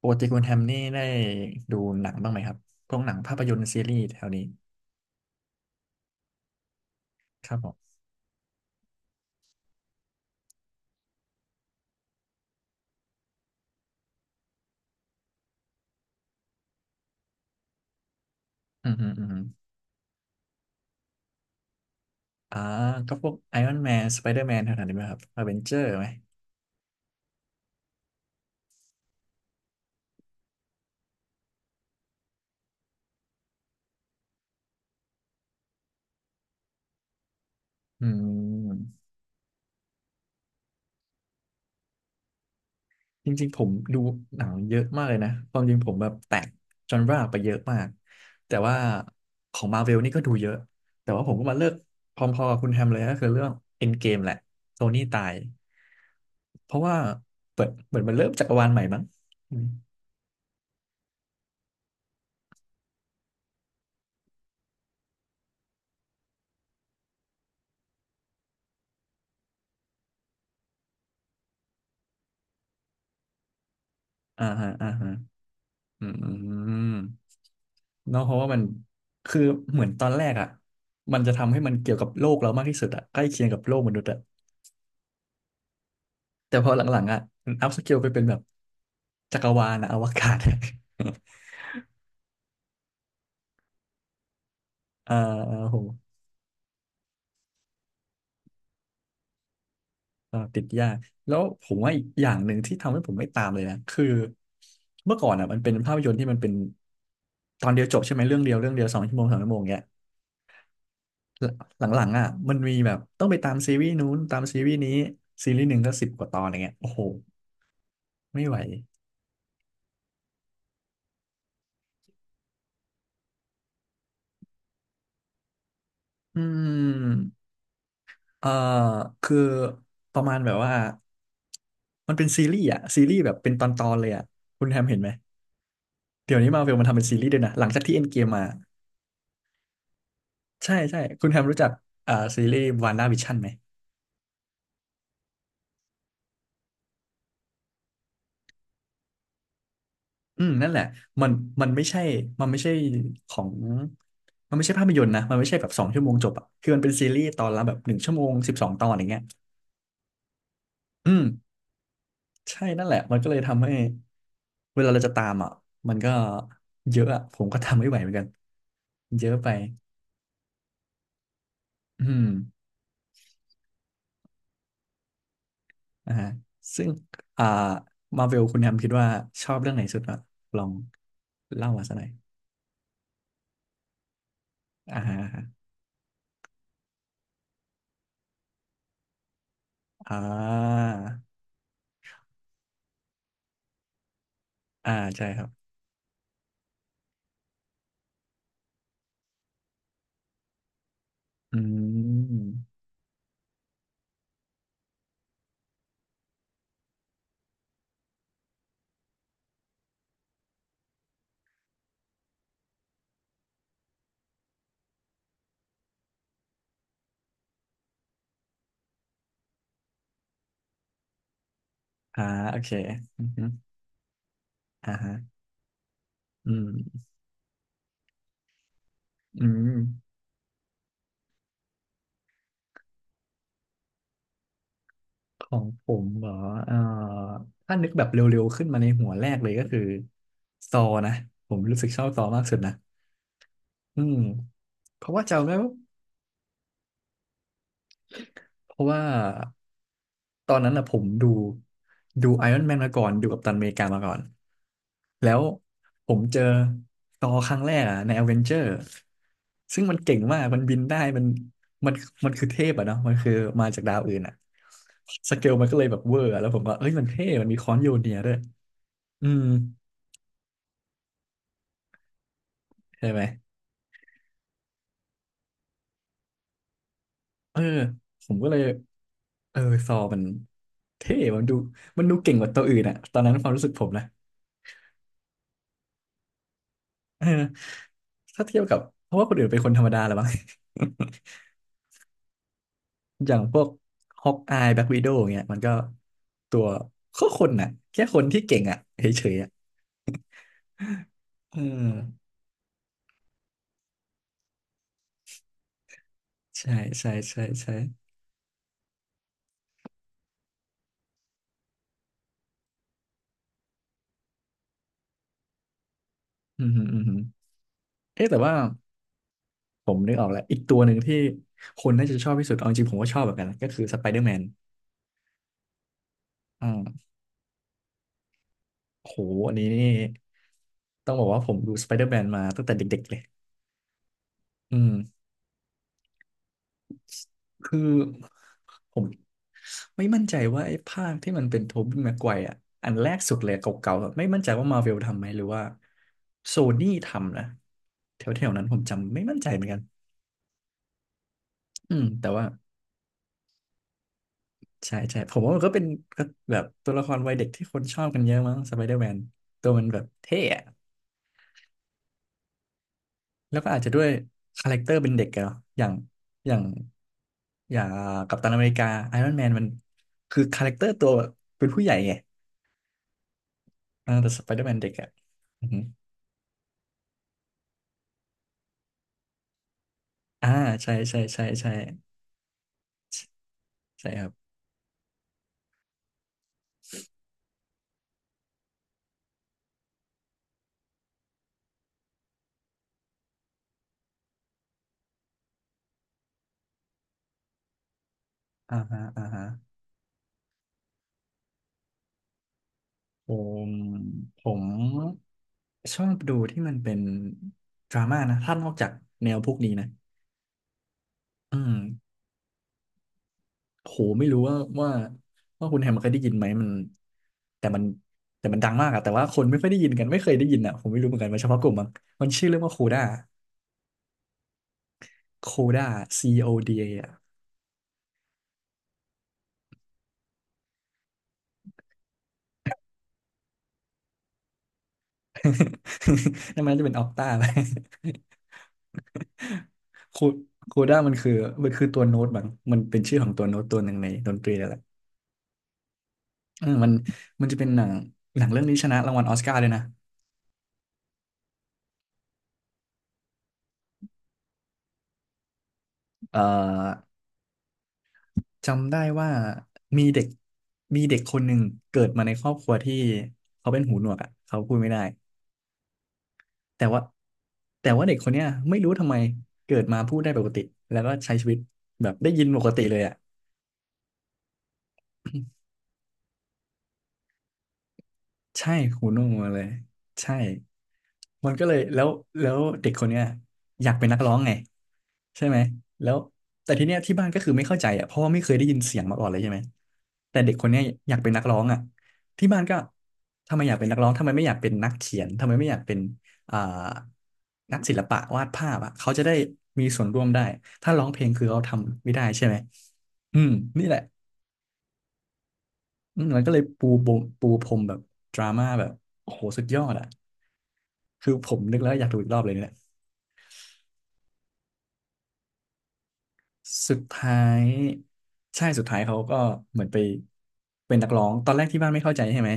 ปกติคุณแฮมนี่ได้ดูหนังบ้างไหมครับพวกหนังภาพยนตร์ซีรีส์แถวนี้ครับผมอืมอืมอืม อ่าก็พวกไอรอนแมนสไปเดอร์แมนแถวๆนี้ไหมครับอเวนเจอร์ไหม อืม จริงๆผมดูหนังเยอะมากเลยนะความจริงผมแบบแตกจอนราไปเยอะมาก แต่ว่าของมาเวลนี่ก็ดูเยอะ แต่ว่าผมก็มาเลิกพร้อมๆกับคุณแฮมเลยก็คือเรื่องเอ็นเกมแหละโทนี่ตายเพราะว่าเปิดเหมือนมันเริ่มจักรวาลใหม่มั้งอืมอ่าฮะอ่าฮะ อืมเนาะเพราะว่ามันคือเหมือนตอนแรกอ่ะมันจะทำให้มันเกี่ยวกับโลกเรามากที่สุดอ่ะใกล้เคียงกับโลกมนุษย์อ่ะแต่พอหลังๆอ่ะอัพสเกลไปเป็นแบบจักรวาลอะอวกาศอ่า อ่าโหอ่าติดยากแล้วผมว่าอีกอย่างหนึ่งที่ทำให้ผมไม่ตามเลยนะคือเมื่อก่อนอ่ะมันเป็นภาพยนตร์ที่มันเป็นตอนเดียวจบใช่ไหมเรื่องเดียวเรื่องเดียว2 ชั่วโมง 3 ชั่วโมงเงี้ยหลังๆอ่ะมันมีแบบต้องไปตามซีรีส์นู้นตามซีรีส์นี้ซีรีส์หนึ่งก็สิบกว่าตอนอย่างเงี้ยโอ้โห ไม่ไหวอืมเอ่อคือประมาณแบบว่ามันเป็นซีรีส์อะซีรีส์แบบเป็นตอนๆ เลยอะคุณแฮมเห็นไหมเดี๋ยวนี้มาเวลมันทำเป็นซีรีส์ด้วยนะหลังจากที่เอ็นเกมมาใช่ใช่คุณแฮมรู้จักซีรีส์วานด้าวิชั่นไหมอืมนั่นแหละมันมันไม่ใช่มันไม่ใช่ของมันไม่ใช่ภาพยนตร์นะมันไม่ใช่แบบสองชั่วโมงจบอะคือมันเป็นซีรีส์ตอนละแบบ1 ชั่วโมง 12 ตอนอย่างเงี้ยอืม ใช่นั่นแหละมันก็เลยทำให้เวลาเราจะตามอ่ะมันก็เยอะอ่ะผมก็ทำไม่ไหวเหมือนกันเยอะไปอืมอ่าฮะซึ่งอ่ามาเวลคุณแฮมคิดว่าชอบเรื่องไหนสุดอ่ะลองเล่ามาสักหน่อยอ่าฮะอ่าอ่าใช่ครับอืมอ่าโอเคอือฮึอ่าฮะอืมอืม ของผมเหรอเอ่อถ้านึกแบบเร็วๆ ขึ้นมาในหัวแรกเลยก็คือซอนะ ผมรู้สึกชอบซอมากสุดนะอืมเพราะว่าจำได้ว่าเพราะว่าตอนนั้นนะผมดูไอรอนแมนมาก่อนดูกัปตันอเมริกามาก่อนแล้วผมเจอซอครั้งแรกอะในอเวนเจอร์ซึ่งมันเก่งมากมันบินได้มันมันคือเทพอะเนาะมันคือมาจากดาวอื่นอะสเกลมันก็เลยแบบเวอร์อะแล้วผมก็เอ้ยมันเท่มันมีค้อนโยเนียด้วยอืม ใช่ไหมเออผมก็เลยเออซอมันเท่มันดูเก่งกว่าตัวอื่นอะตอนนั้นความรู้สึกผมนะเออถ้าเทียบกับ เพราะว่าคนอื่นเป็นคนธรรมดาแหละวบ้าง อย่างพวกฮอกอายแบ็ควิโดว์เงี้ยมันก็ตัวก็คนน่ะแค่คนที่เก่งอะเฉยๆอะเออใช่ใช่ใช่ใช่อืมฮึอืมฮึเอ๊ะแต่ว่าผมนึกออกแล้ว อีกตัวหนึ่งที่คนน่าจะชอบที่สุดเอาจริงๆผมก็ชอบเหมือนกันนะก็คือสไปเดอร์แมน โหอันนี้นี่ต้องบอกว่าผมดูสไปเดอร์แมนมาตั้งแต่เด็กๆเลยอืมคือผมไม่มั่นใจว่าไอ้ภาคที่มันเป็นโทบี้แม็กไกวร์อ่ะอันแรกสุดเลยเก่าๆอะไม่มั่นใจว่ามาเวลทำไหมหรือว่าโซนี่ทำนะแถวๆนั้นผมจำไม่มั่นใจเหมือนกันอืมแต่ว่าใช่ใช่ผมว่ามันก็เป็นก็แบบตัวละครวัยเด็กที่คนชอบกันเยอะมั้งสไปเดอร์แมนตัวมันแบบเท่อะแล้วก็อาจจะด้วยคาแรคเตอร์เป็นเด็กอะเนาะอย่าง อย่างอ่ากัปตันอเมริกาไอรอนแมนมันคือคาแรคเตอร์ตัวเป็นผู้ใหญ่ไงอ่าแต่สไปเดอร์แมนเด็กอ่ะอือฮึอ่าใช่ใช่ใช่ใช่ใช่ครับอ่าฮะอ่าฮะผมผมชอบดูที่มันเป็นดราม่านะถ้านอกจากแนวพวกนี้นะอืมโหไม่รู้ว่าว่าคุณแฮมเคยได้ยินไหมมันแต่มันแต่มันดังมากอะแต่ว่าคนไม่ค่อยได้ยินกันไม่เคยได้ยินอะผมไม่รู้เหมือนกันมันเฉพาะกลุ่มมั้งมันชื่อเรื่องว่าโคด้าโคด้า CODA นั่นมันน่าจะเป็นออกต้าอะ ไรคูคูด้ามันคือมันคือตัวโน้ตบางมันเป็นชื่อของตัวโน้ตตัวหนึ่งในดนตรีนั่นแหละเออมันจะเป็นหนังหนังเรื่องนี้ชนะรางวัลออสการ์ด้วยนะเอ่อจำได้ว่ามีเด็กมีเด็กคนหนึ่งเกิดมาในครอบครัวที่เขาเป็นหูหนวกอ่ะเขาพูดไม่ได้แต่ว่าแต่ว่าเด็กคนเนี้ยไม่รู้ทำไมเกิดมาพูดได้ปกติแล้วก็ใช้ชีวิตแบบได้ยินปกติเลยอ่ะ ใช่คูโน่มาเลยใช่มันก็เลยแล้วเด็กคนเนี้ยอยากเป็นนักร้องไงใช่ไหมแล้วแต่ทีเนี้ยที่บ้านก็คือไม่เข้าใจอ่ะเพราะว่าไม่เคยได้ยินเสียงมาก่อนเลยใช่ไหมแต่เด็กคนเนี้ยอยากเป็นนักร้องอ่ะที่บ้านก็ทำไมอยากเป็นนักร้องทำไมไม่อยากเป็นนักเขียนทำไมไม่อยากเป็นอ่านักศิลปะวาดภาพอ่ะเขาจะได้มีส่วนร่วมได้ถ้าร้องเพลงคือเขาทำไม่ได้ใช่ไหมอืมนี่แหละอืมมันก็เลยปูบมปูพรมแบบดราม่าแบบโอ้โหสุดยอดอ่ะ คือผมนึกแล้วอยากดูอีกรอบเลยเนี่ยสุดท้ายใช่สุดท้ายเขาก็เหมือนไปเป็นนักร้องตอนแรกที่บ้านไม่เข้าใจใช่ไหม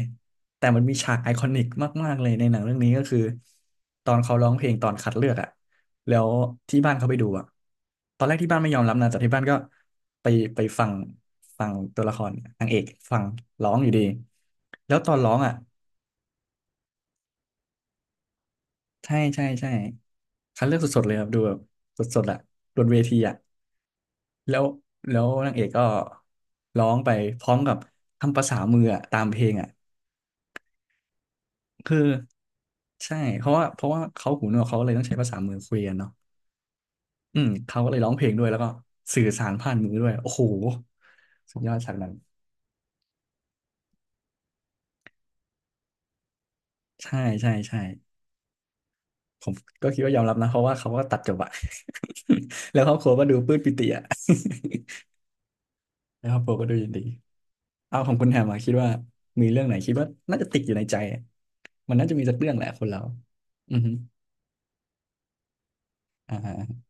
แต่มันมีฉากไอคอนิกมากๆเลยในหนังเรื่องนี้ก็คือตอนเขาร้องเพลงตอนคัดเลือกอะแล้วที่บ้านเขาไปดูอะตอนแรกที่บ้านไม่ยอมรับนะแต่ที่บ้านก็ไปไปฟังฟังตัวละครนางเอกฟังร้องอยู่ดีแล้วตอนร้องอะใช่ใช่ใช่คัดเลือกสดๆเลยครับดูแบบสดๆอะบนเวทีอะ แล้วแล้วนางเอกก็ร้องไปพร้อมกับทำภาษามืออะตามเพลงอ่ะคือใช่เพราะว่าเขาหูหนวกเขาเลยต้องใช้ภาษามือคุยกันเนาะอืมเขาก็เลยร้องเพลงด้วยแล้วก็สื่อสารผ่านมือด้วยโอ้โหสุดยอดฉากนั้นใช่ใช่ใช่ผมก็คิดว่ายอมรับนะเพราะว่าเขาก็ตัดจบอะ แล้วครอบครัวก็ดูปลื้มปิติอะ แล้วครอบครัวก็ดูยินดีเอาของคุณแฮมมาคิดว่ามีเรื่องไหนคิดว่าน่าจะติดอยู่ในใจอะมันน่าจะมีสักเรื่องแหละคนเราอือฮึ อ่า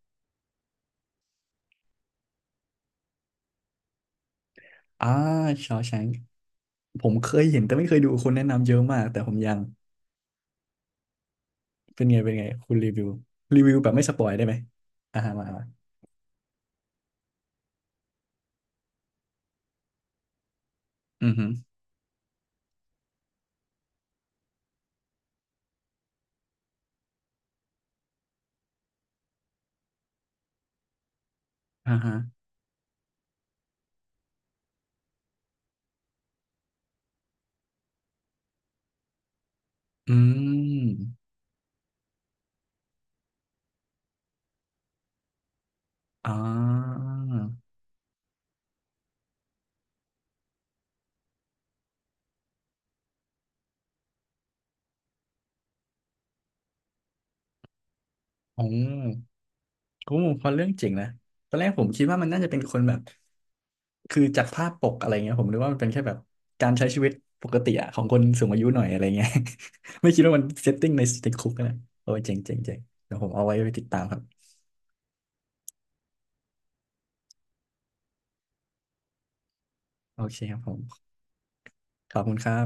อ่าชอแชงค์ผมเคยเห็นแต่ไม่เคยดูคนแนะนำเยอะมากแต่ผมยังเป็นไงเป็นไงคุณรีวิวรีวิวแบบไม่สปอยได้ไหมอ่าฮะมามาอือฮึอ่าฮะอืมอ่าอ๋อโอ้พอเรื่องเจ๋งนะตอนแรกผมคิดว่ามันน่าจะเป็นคนแบบคือจากภาพปกอะไรเงี้ยผมนึกว่ามันเป็นแค่แบบการใช้ชีวิตปกติอะของคนสูงอายุหน่อยอะไรเงี้ย ไม่คิดว่ามันเซตติ้งในติดคุกนะโอ้ยเจ๋งเจ๋งเจ๋งเดี๋ยวผมเอาไว้ไปติดตามครับ โอเคครับผมขอบคุณครับ